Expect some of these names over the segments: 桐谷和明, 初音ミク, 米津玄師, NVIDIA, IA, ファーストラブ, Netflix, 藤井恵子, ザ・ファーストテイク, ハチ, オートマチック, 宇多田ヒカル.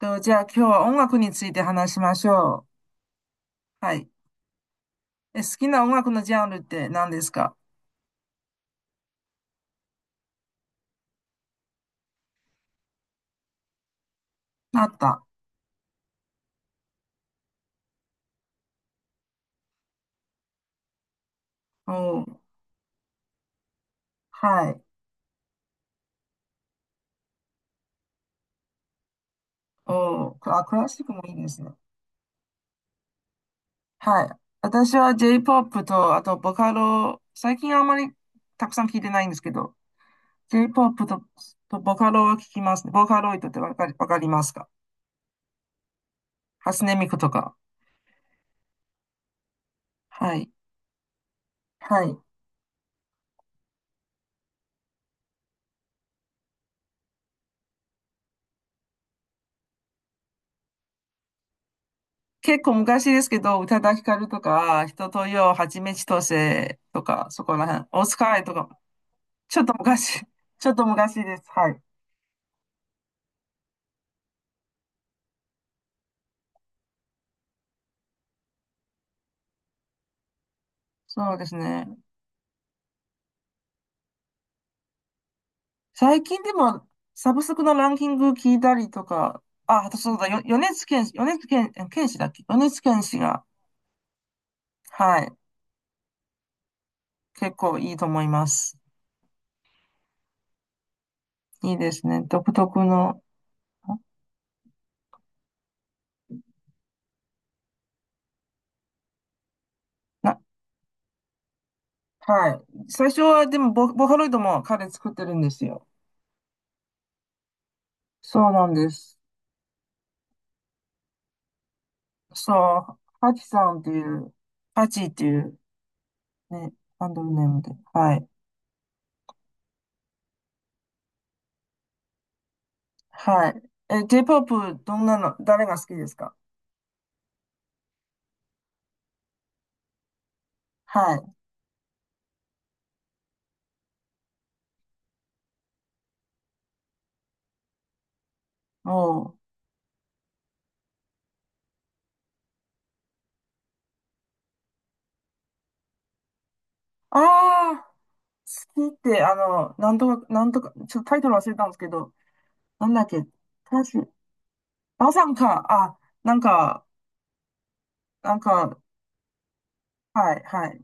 と、じゃあ今日は音楽について話しましょう。はい。好きな音楽のジャンルって何ですか？あった。おー、はい。おー、あ、クラシックもいいですね。はい。私は J-POP と、あとボカロ、最近あんまりたくさん聞いてないんですけど、J-POP とボカロを聞きますね。ボカロイドってわかりますか？初音ミクとか。はい。はい。結構昔ですけど、宇多田ヒカルとか、人とよ、はちみつとせとか、そこら辺、オスカイとか、ちょっと昔、ちょっと昔です。はい。そうですね。最近でも、サブスクのランキング聞いたりとか、あ、あとそうだ、米津玄師、米津玄、え玄師だっけ？米津玄師が、はい、結構いいと思います。いいですね。独特の、な、はい。最初はでもボーカロイドも彼作ってるんですよ。そうなんです。そう、ハチさんっていう、ハチっていう、ね、ハンドルネームで、はい。はい。J-POP、どんなの、誰が好きですか？はい。おう。ああ、好きって、なんとか、なんとか、ちょっとタイトル忘れたんですけど、なんだっけ、たし、バサンか、あ、なんか、なんか、はい、はい。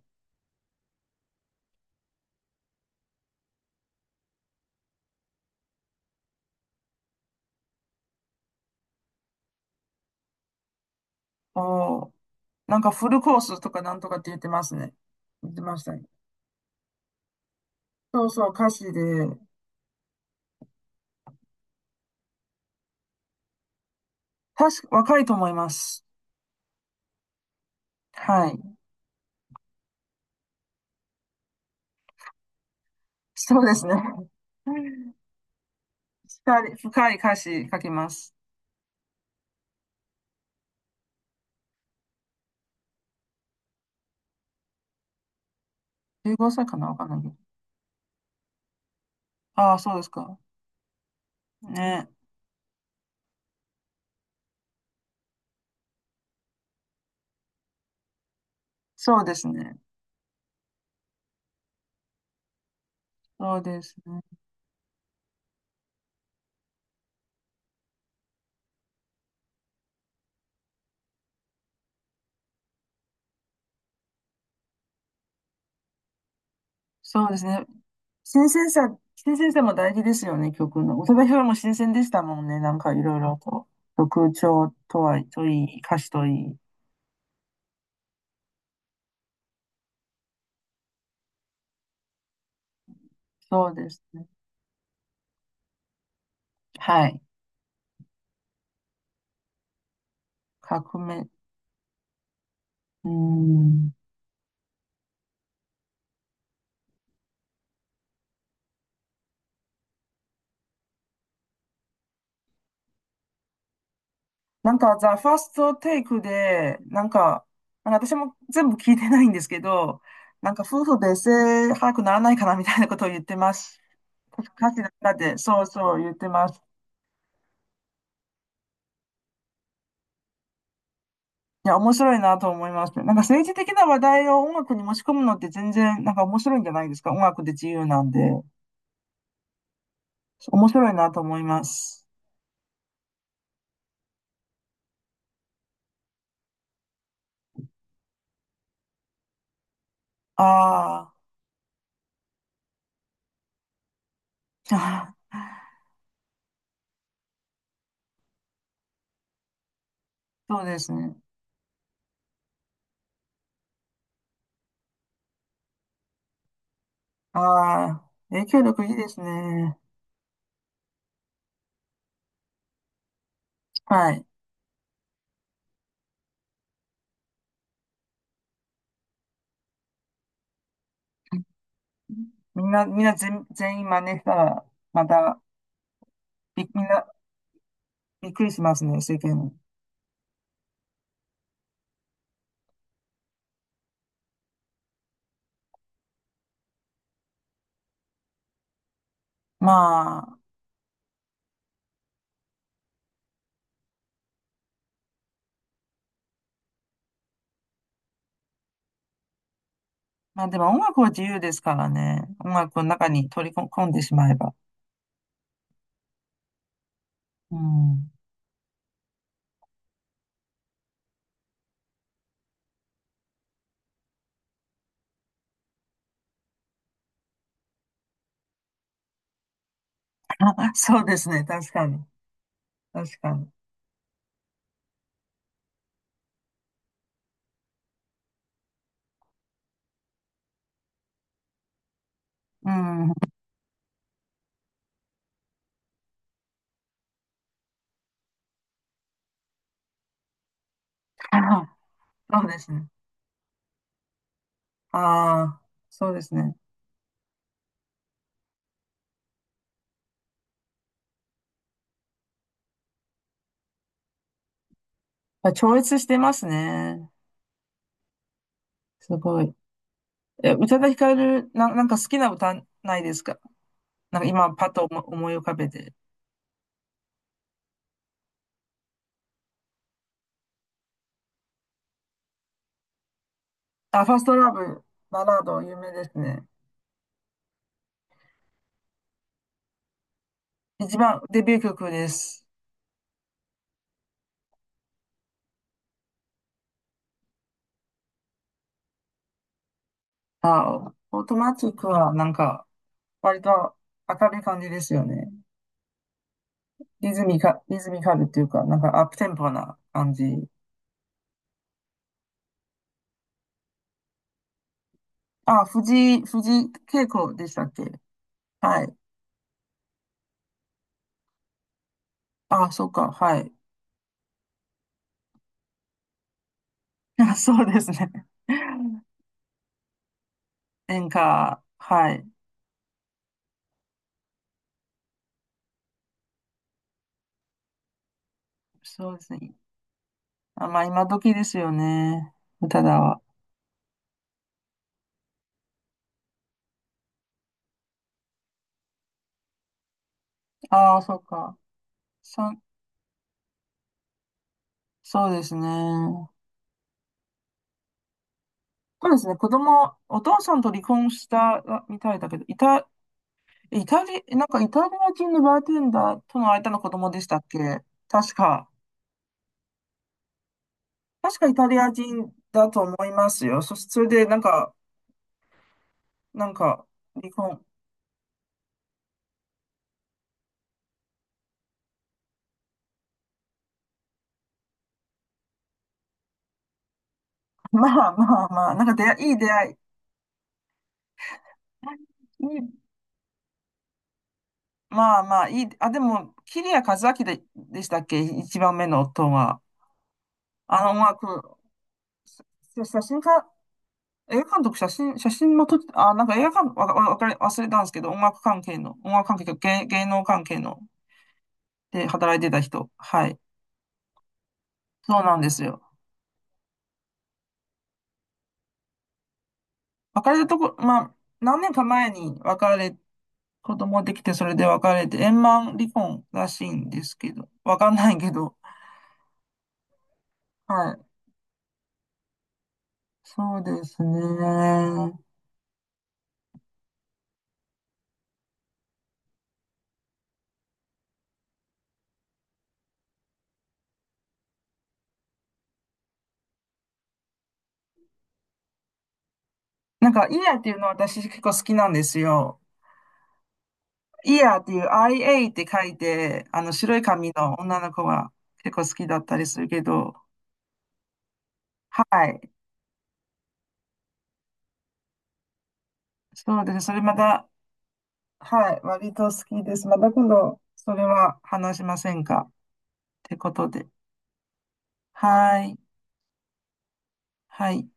おう。なんかフルコースとかなんとかって言ってますね。言ってましたね。そうそう、歌詞で、確か、若いと思います。はい。そうですね。深い深い歌詞書きます。15歳かなわかんないけど。ああ、そうですか。ね。そうですね。そうですね。そうですね。新鮮さ、新鮮さも大事ですよね、曲の。宇多田ヒカルも新鮮でしたもんね。なんかいろいろと。曲調とは、といい、歌詞といい。そうですね。はい。革命。うーん。なんか、ザ・ファーストテイクで、なんか、なんか私も全部聞いてないんですけど、なんか夫婦別姓早くならないかなみたいなことを言ってます。歌詞の中で、そうそう言ってます。いや、面白いなと思います。なんか政治的な話題を音楽に持ち込むのって全然なんか面白いんじゃないですか。音楽で自由なんで。面白いなと思います。あーあー、そうですね。ああ、影響力いいですね。はい。みんな、みんな全員真似したら、また、みんなびっくりしますね、世間。まあ、まあでも音楽は自由ですからね。音楽の中に取り込んでしまえば。うん。あ、そうですね。確かに。確かに。うん。はいはい。そうですね。ああ、そうですね。あ、超越してますね。すごい。宇多田ヒカル、なんか好きな歌ないですか？なんか今パッと思い浮かべて。あ、ファーストラブ、バラード、有名ですね。一番デビュー曲です。あ、オートマチックはなんか割と明るい感じですよね。リズミカルっていうか、なんかアップテンポな感じ。あ、藤井恵子でしたっけ？はい。あ、そうか、はい。あそうですね。演歌、はい。そうですね。あ、まあ、今時ですよね。歌だわ。ああ、そうか。さ、そうですね。そうですね。子供、お父さんと離婚したみたいだけど、イタ、イタリ、なんかイタリア人のバーテンダーとの間の子供でしたっけ？確か。確かイタリア人だと思いますよ。そして、それで、なんか、なんか、離婚。まあまあまあ、なんか出会い、いい出会い。まあまあ、いい。あ、でも、桐谷和明でしたっけ一番目の夫は？あの音楽、写真家、映画監督、写真も撮って、あ、なんか映画監督、わ、わわかり、忘れたんですけど、音楽関係の、音楽関係、芸能関係の、で働いてた人。はい。そうなんですよ。別れたとこ、まあ、何年か前に別れ、子供できて、それで別れて、円満離婚らしいんですけど、わかんないけど、はい。そうですね。なんか、イヤーっていうのは私結構好きなんですよ。イヤーっていう IA って書いて、あの、白い髪の女の子が結構好きだったりするけど、はい。そうです。それまた、はい。割と好きです。また今度、それは話しませんかってことで。はい。はい。